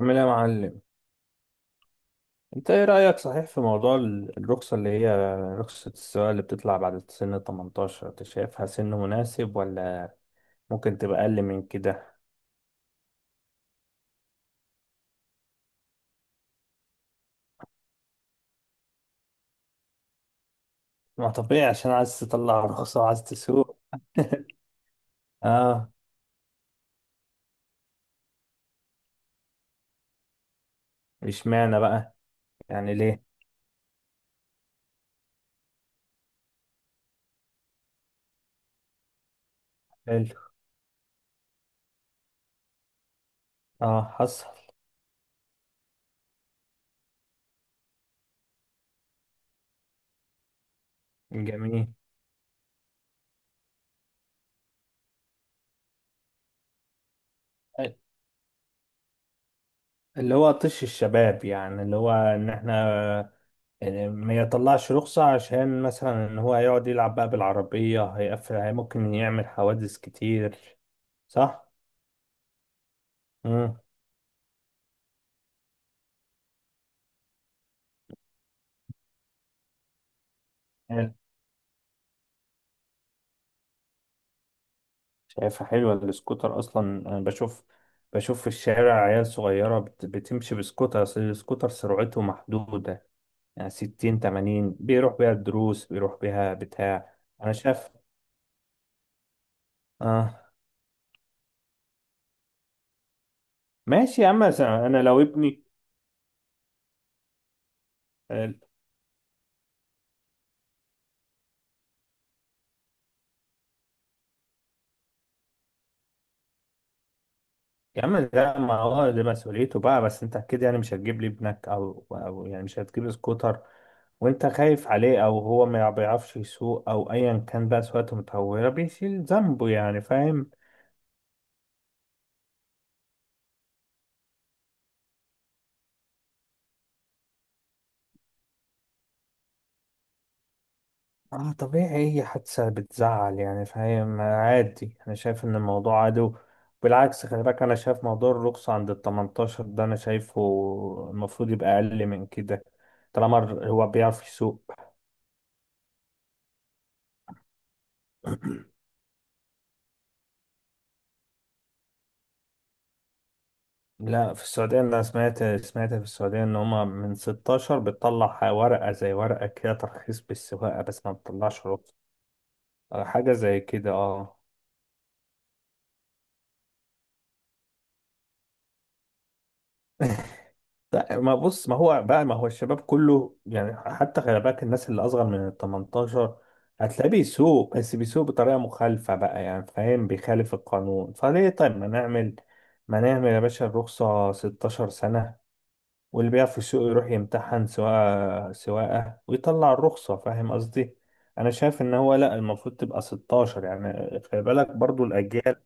عامل ايه يا معلم؟ انت ايه رأيك صحيح في موضوع الرخصة اللي هي رخصة السواقة اللي بتطلع بعد سن 18؟ انت شايفها سن مناسب ولا ممكن تبقى اقل من كده؟ ما طبيعي عشان عايز تطلع رخصة وعايز تسوق. اه، اشمعنى بقى؟ يعني ليه؟ حلو. اه، حصل. جميل. اللي هو طش الشباب، يعني اللي هو ان احنا يعني ما يطلعش رخصة عشان مثلا ان هو يقعد يلعب بقى بالعربية هيقفل، هي ممكن يعمل حوادث كتير، صح؟ مم. حلو. شايفها حلوة السكوتر اصلا. انا بشوف في الشارع عيال صغيرة بتمشي بسكوتر، أصل السكوتر سرعته محدودة، يعني 60 80 بيروح بيها الدروس، بيروح بيها بتاع. انا شايف. اه، ماشي يا عم، انا لو ابني آه، يا عم، ده ما هو ده مسؤوليته بقى، بس انت اكيد يعني مش هتجيب لي ابنك او يعني مش هتجيب لي سكوتر وانت خايف عليه، او هو ما بيعرفش يسوق، او ايا كان بقى، سواقته متهوره بيشيل ذنبه يعني، فاهم. اه طبيعي، اي حادثه بتزعل يعني، فاهم، عادي. انا شايف ان الموضوع عادي. بالعكس، خلي بالك، انا شايف موضوع الرخصه عند ال 18 ده، انا شايفه المفروض يبقى اقل من كده، طالما هو بيعرف يسوق. لا، في السعودية أنا سمعت في السعودية إن هما من 16 بتطلع ورقة زي ورقة كده ترخيص بالسواقة، بس ما بتطلعش رخصة. آه، حاجة زي كده، اه. لا ما، بص، ما هو بقى، ما هو الشباب كله، يعني حتى خلي بالك الناس اللي أصغر من ال 18 هتلاقيه بيسوق، بس بيسوق بطريقة مخالفة بقى، يعني فاهم، بيخالف القانون. فليه طيب؟ ما نعمل يا باشا الرخصة 16 سنة، واللي بيقف في السوق يروح يمتحن سواقة سواقة ويطلع الرخصة، فاهم قصدي؟ أنا شايف إن هو لأ، المفروض تبقى 16، يعني خلي بالك برضو الأجيال.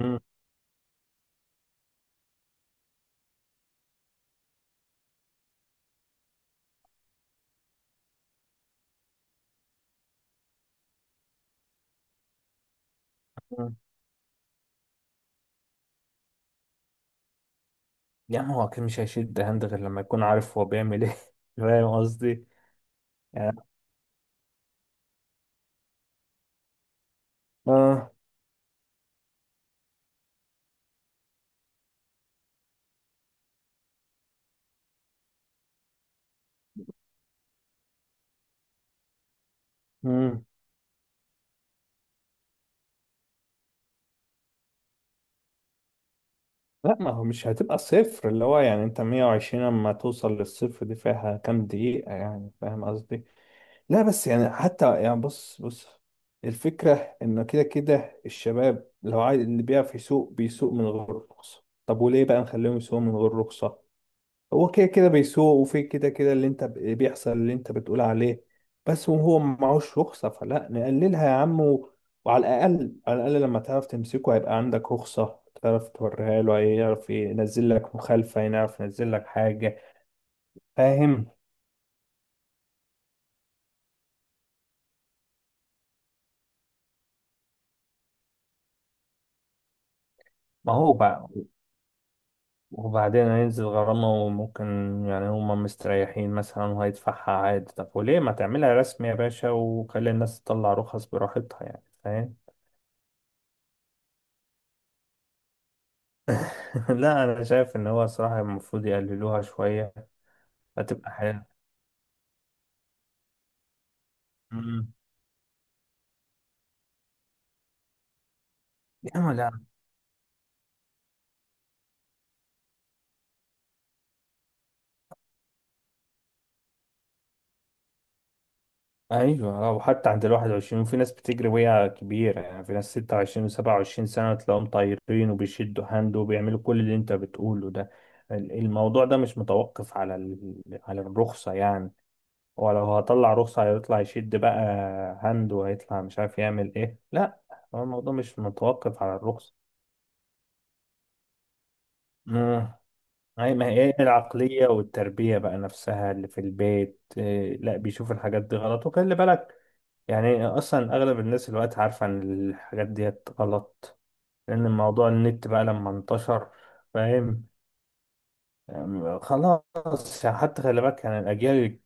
مم. مم. يعني هو أكيد مش هيشد هاند غير لما يكون عارف هو بيعمل إيه، فاهم قصدي؟ يعني آه. مم. لأ، ما هو مش هتبقى صفر، اللي هو يعني أنت 120 أما توصل للصفر دي فيها كام دقيقة، يعني فاهم قصدي؟ لا بس، يعني حتى، يعني بص بص، الفكرة إنه كده كده الشباب لو عايز، اللي بيعرف يسوق بيسوق من غير رخصة، طب وليه بقى نخليهم يسوقوا من غير رخصة؟ هو كده كده بيسوق، وفي كده كده اللي انت بيحصل اللي انت بتقول عليه، بس وهو معهوش رخصة. فلا نقللها يا عم وعلى الأقل على الأقل لما تعرف تمسكه هيبقى عندك رخصة تعرف توريها له، هيعرف ينزل لك مخالفة، هيعرف ينزل لك حاجة، فاهم. ما هو بقى، وبعدين هينزل غرامة وممكن يعني هما مستريحين مثلا وهيدفعها عادي. طب وليه ما تعملها رسمي يا باشا وخلي الناس تطلع رخص براحتها، يعني فاهم؟ لا، أنا شايف إن هو صراحة المفروض يقللوها شوية. هتبقى حلوة. أمم. لا لا. أيوة، وحتى عند الواحد وعشرين، وفي ناس بتجري وهي كبيرة، يعني في ناس 26 وسبعة وعشرين سنة تلاقيهم طايرين وبيشدوا هاند وبيعملوا كل اللي أنت بتقوله ده. الموضوع ده مش متوقف على على الرخصة يعني، ولو هطلع رخصة هيطلع يشد بقى هند، وهيطلع مش عارف يعمل ايه. لا، هو الموضوع مش متوقف على الرخصة. مم. أي، ما هي إيه العقلية والتربية بقى نفسها اللي في البيت؟ إيه؟ لا، بيشوف الحاجات دي غلط. وخلي بالك يعني أصلا أغلب الناس الوقت عارفة إن الحاجات دي غلط، لأن الموضوع النت بقى لما انتشر، فاهم. يعني خلاص، يعني حتى خلي بالك يعني الأجيال،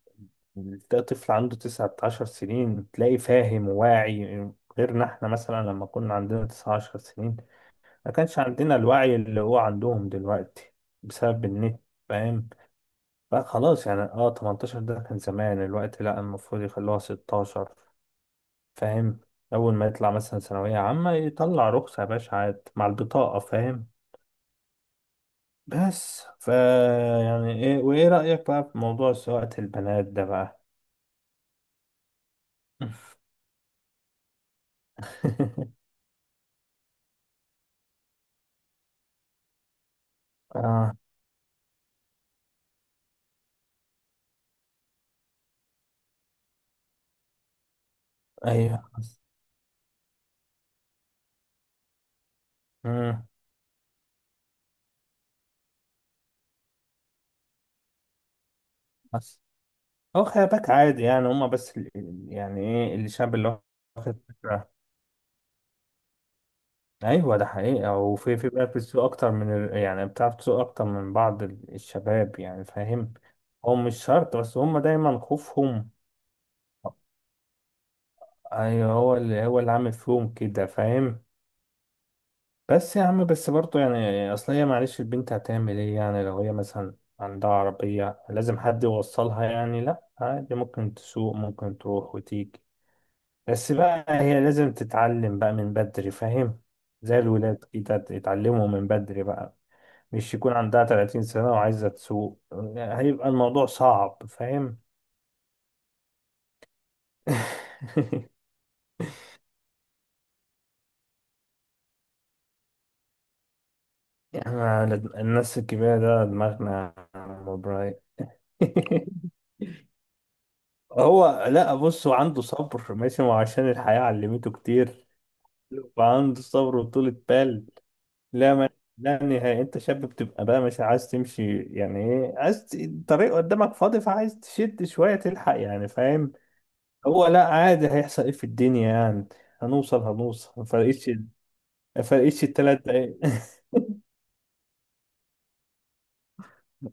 ده طفل عنده 19 سنين تلاقي فاهم وواعي، غيرنا احنا مثلا لما كنا عندنا 19 سنين ما كانش عندنا الوعي اللي هو عندهم دلوقتي، بسبب النت، فاهم. فخلاص يعني، 18 ده كان زمان، الوقت لا، المفروض يخلوها 16، فاهم. أول ما يطلع مثلا ثانوية عامة يطلع رخصة يا باشا عاد مع البطاقة، فاهم. بس يعني ايه وايه رأيك بقى في موضوع سواقة البنات ده بقى؟ اه، ايوه. مم. بس هو خلي بالك عادي يعني، هما بس يعني ايه الشعب اللي واخد فكرة. ايوه، ده حقيقة، وفي في بقى بتسوق اكتر من يعني بتعرف تسوق اكتر من بعض الشباب، يعني فاهم. هو مش شرط، بس هما دايما خوفهم. ايوه، هو اللي عامل فيهم كده، فاهم. بس يا عم، بس برضه يعني، اصل هي معلش البنت هتعمل ايه يعني، لو هي مثلا عندها عربية لازم حد يوصلها يعني. لا عادي، ممكن تسوق، ممكن تروح وتيجي، بس بقى هي لازم تتعلم بقى من بدري، فاهم. زي الولاد كده، يتعلموا من بدري بقى، مش يكون عندها 30 سنة وعايزة تسوق، هيبقى الموضوع صعب، فاهم. يعني الناس الكبيرة ده دماغنا مبراي. هو لا، بص، هو عنده صبر ماشي، ما هو عشان الحياة علمته كتير، فعنده صبر وطولة بال. لا ما لا نهائي، انت شاب بتبقى بقى مش عايز تمشي، يعني ايه، عايز الطريق قدامك فاضي فعايز تشد شوية تلحق، يعني فاهم. هو لا عادي، هيحصل ايه في الدنيا يعني؟ هنوصل ما فرقتش. ما فرقتش التلات دقايق.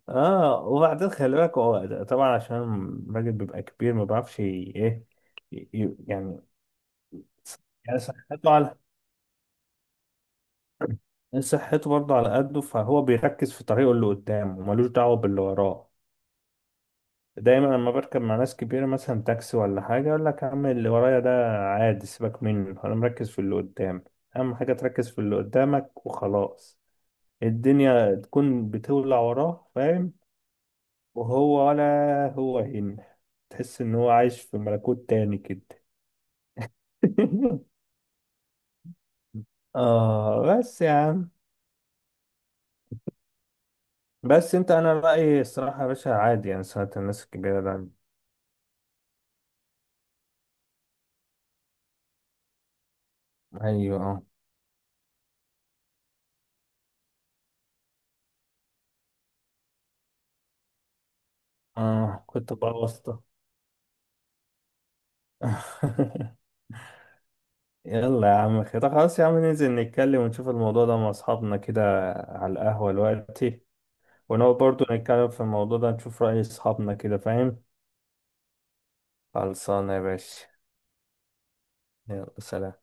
اه، وبعدين خلي بالك هو طبعا عشان الراجل بيبقى كبير ما بيعرفش ايه، يعني، يعني صحته على، صحته برضه على قده، فهو بيركز في طريقه اللي قدامه، ملوش دعوة باللي وراه. دايما لما بركب مع ناس كبيرة مثلا تاكسي ولا حاجة يقول لك يا عم اللي ورايا ده عادي، سيبك منه، أنا مركز في اللي قدام. أهم حاجة تركز في اللي قدامك وخلاص، الدنيا تكون بتولع وراه، فاهم. وهو ولا هو هن تحس إن هو عايش في ملكوت تاني كده. آه بس يا عم، بس أنت أنا رأيي الصراحة يا باشا، عادي يعني ساعة الناس الكبيرة ده. أيوه، أه. آه، كنت بقى واسطة. يلا يا عم، كده خلاص، يا عم ننزل نتكلم ونشوف الموضوع ده مع أصحابنا كده على القهوة دلوقتي، ونقعد برضو نتكلم في الموضوع ده نشوف رأي أصحابنا كده، فاهم. خلصانة يا باشا. يلا سلام.